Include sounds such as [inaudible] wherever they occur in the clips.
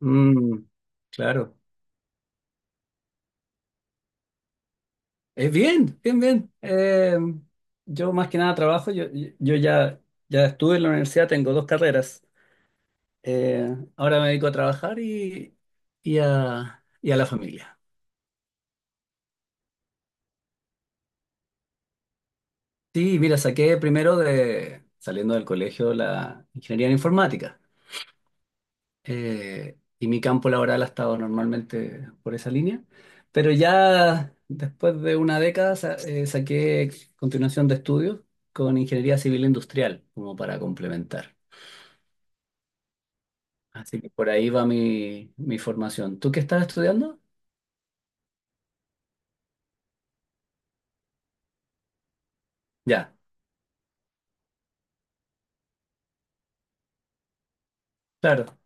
Mm, claro. Es bien, bien, bien. Yo más que nada trabajo, yo ya, ya estuve en la universidad, tengo dos carreras. Ahora me dedico a trabajar y a la familia. Sí, mira, saqué primero de, saliendo del colegio, la ingeniería en informática. Y mi campo laboral ha estado normalmente por esa línea. Pero ya después de una década saqué continuación de estudios con ingeniería civil industrial, como para complementar. Así que por ahí va mi formación. ¿Tú qué estás estudiando? Ya, claro.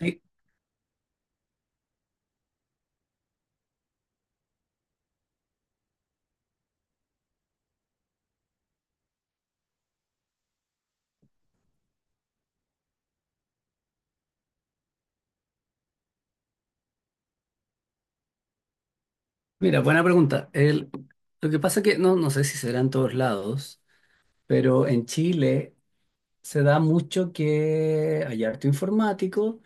Sí, mira, buena pregunta. Lo que pasa que no, no sé si será en todos lados, pero en Chile se da mucho que hay harto informático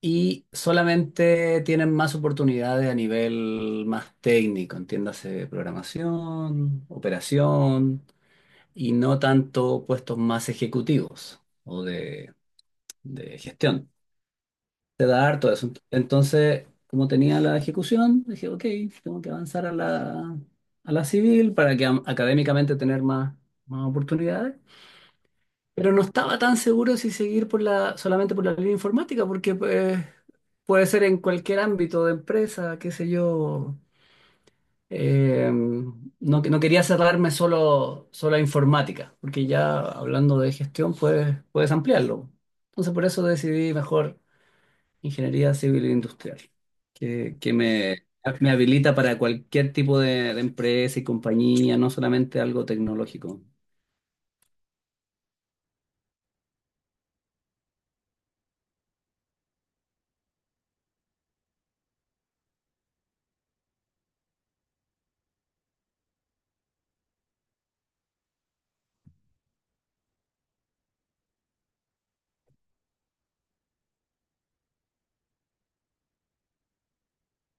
y solamente tienen más oportunidades a nivel más técnico, entiéndase programación, operación y no tanto puestos más ejecutivos de gestión. Te da harto eso. Entonces, como tenía la ejecución, dije, ok, tengo que avanzar a la civil para que académicamente tener más oportunidades. Pero no estaba tan seguro si seguir por solamente por la línea informática, porque pues, puede ser en cualquier ámbito de empresa, qué sé yo. No, no quería cerrarme solo a informática, porque ya hablando de gestión puedes ampliarlo. Entonces por eso decidí mejor ingeniería civil e industrial, que, que me, me habilita para cualquier tipo de empresa y compañía, no solamente algo tecnológico.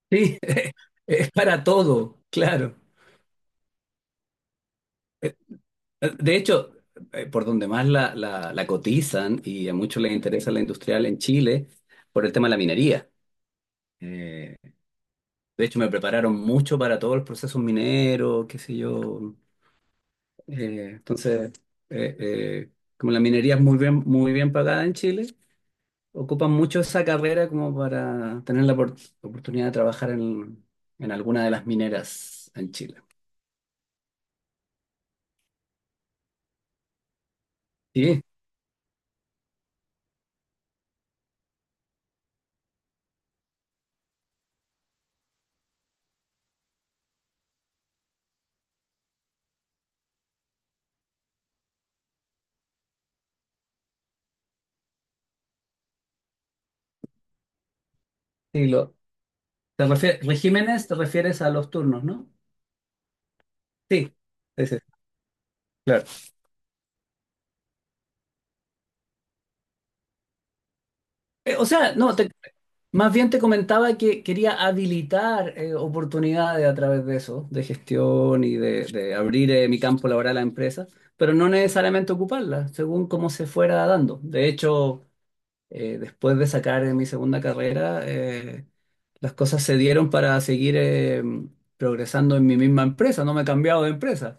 Sí, [laughs] es para todo, claro. De hecho, por donde más la cotizan y a muchos les interesa la industrial en Chile, por el tema de la minería. Eh, de hecho, me prepararon mucho para todos los procesos mineros, qué sé yo. Eh, entonces, eh, eh, Como la minería es muy bien pagada en Chile, ocupan mucho esa carrera como para tener la oportunidad de trabajar en alguna de las mineras en Chile. Sí, sí, lo, regímenes te refieres a los turnos, ¿no? Sí. Sí, sí, claro. O sea, no, más bien te comentaba que quería habilitar oportunidades a través de eso, de gestión y de abrir mi campo laboral a la empresa, pero no necesariamente ocuparla, según cómo se fuera dando. De hecho, después de sacar mi segunda carrera, las cosas se dieron para seguir progresando en mi misma empresa, no me he cambiado de empresa.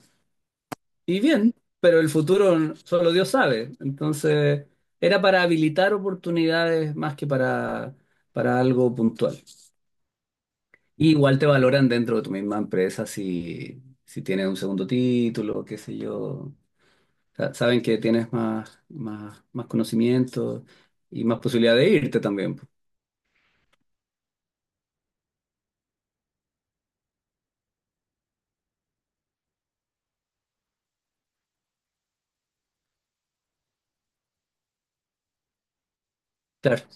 Y bien, pero el futuro solo Dios sabe. Entonces, era para habilitar oportunidades más que para algo puntual. Y igual te valoran dentro de tu misma empresa si tienes un segundo título, qué sé yo. Saben que tienes más conocimiento y más posibilidad de irte también. Po. Claro.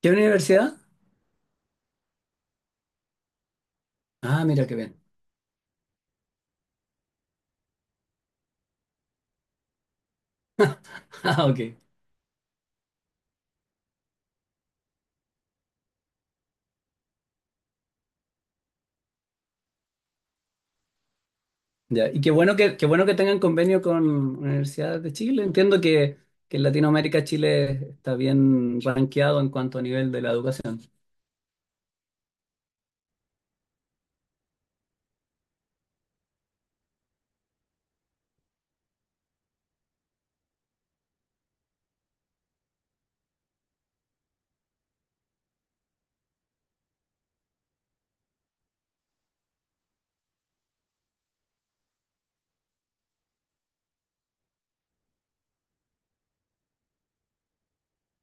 ¿Qué universidad? Ah, mira qué bien. [laughs] Ah, ok. Ya, y qué bueno qué bueno que tengan convenio con universidades de Chile. Entiendo que en Latinoamérica Chile está bien rankeado en cuanto a nivel de la educación.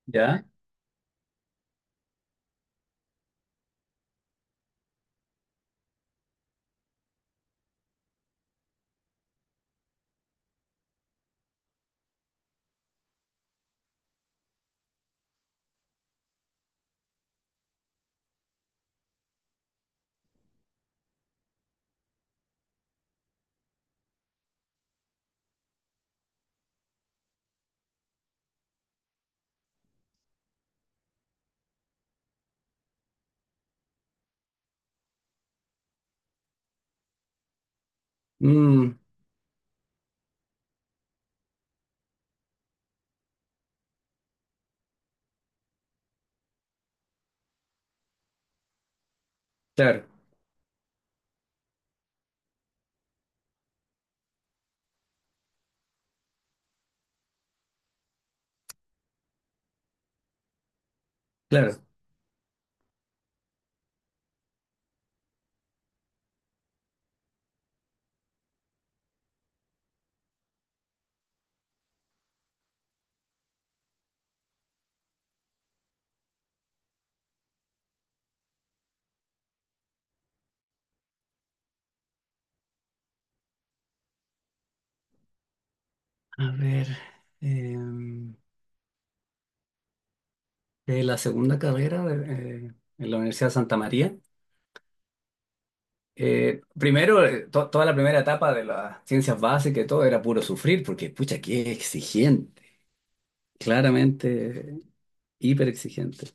¿Ya? Mm, claro, claro. A ver, eh, la segunda carrera en la Universidad de Santa María. Primero, toda la primera etapa de las ciencias básicas y todo era puro sufrir, porque, pucha, qué exigente. Claramente, hiper exigente.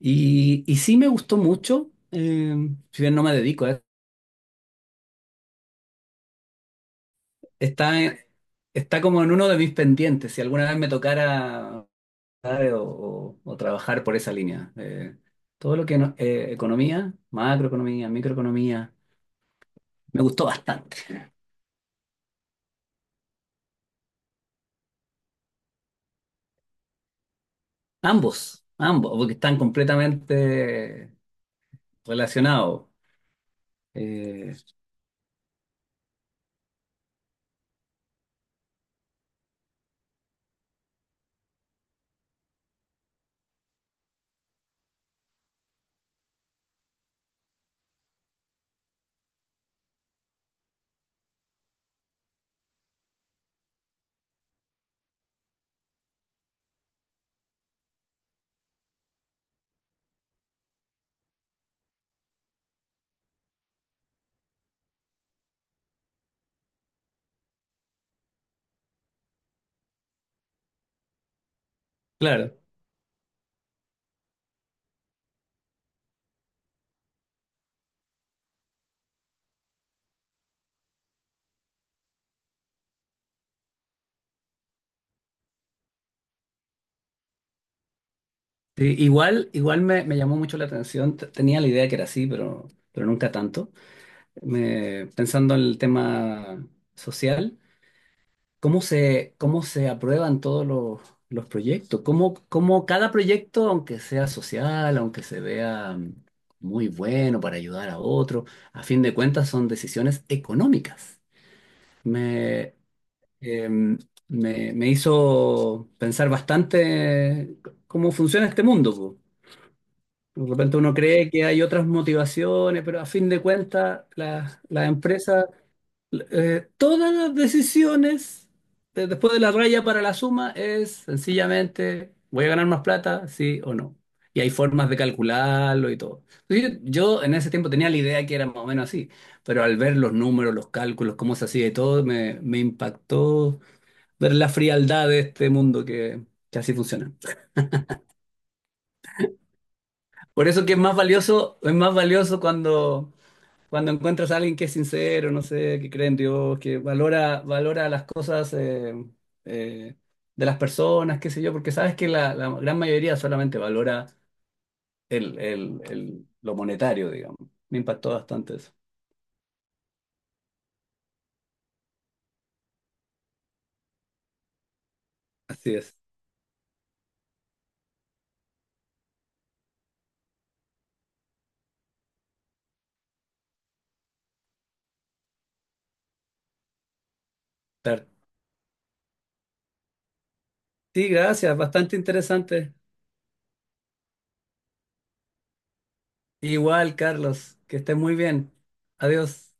Y sí me gustó mucho, si bien no me dedico a eso, está, en- está como en uno de mis pendientes, si alguna vez me tocara ¿sabe? O trabajar por esa línea. Todo lo que economía, macroeconomía, microeconomía, me gustó bastante. Ambos, ambos, porque están completamente relacionados. Eh, claro, sí, igual, igual me llamó mucho la atención, tenía la idea que era así, pero nunca tanto. Pensando en el tema social, cómo se aprueban los proyectos? ¿Cómo, cómo cada proyecto, aunque sea social, aunque se vea mm, muy bueno para ayudar a otro, a fin de cuentas son decisiones económicas? Me, em, Me hizo pensar bastante cómo funciona este mundo. Po. De repente uno cree que hay otras motivaciones, pero a fin de cuentas las empresas todas las decisiones después de la raya para la suma es sencillamente, ¿voy a ganar más plata? Sí o no. Y hay formas de calcularlo y todo. Entonces, yo en ese tiempo tenía la idea que era más o menos así, pero al ver los números, los cálculos, cómo se hacía y todo, me impactó ver la frialdad de este mundo que así funciona. Por eso que es más valioso cuando cuando encuentras a alguien que es sincero, no sé, que cree en Dios, que valora, valora las cosas eh, de las personas, qué sé yo, porque sabes que la gran mayoría solamente valora lo monetario, digamos. Me impactó bastante eso. Así es. Tar- sí, gracias, bastante interesante. Igual, Carlos, que estés muy bien. Adiós.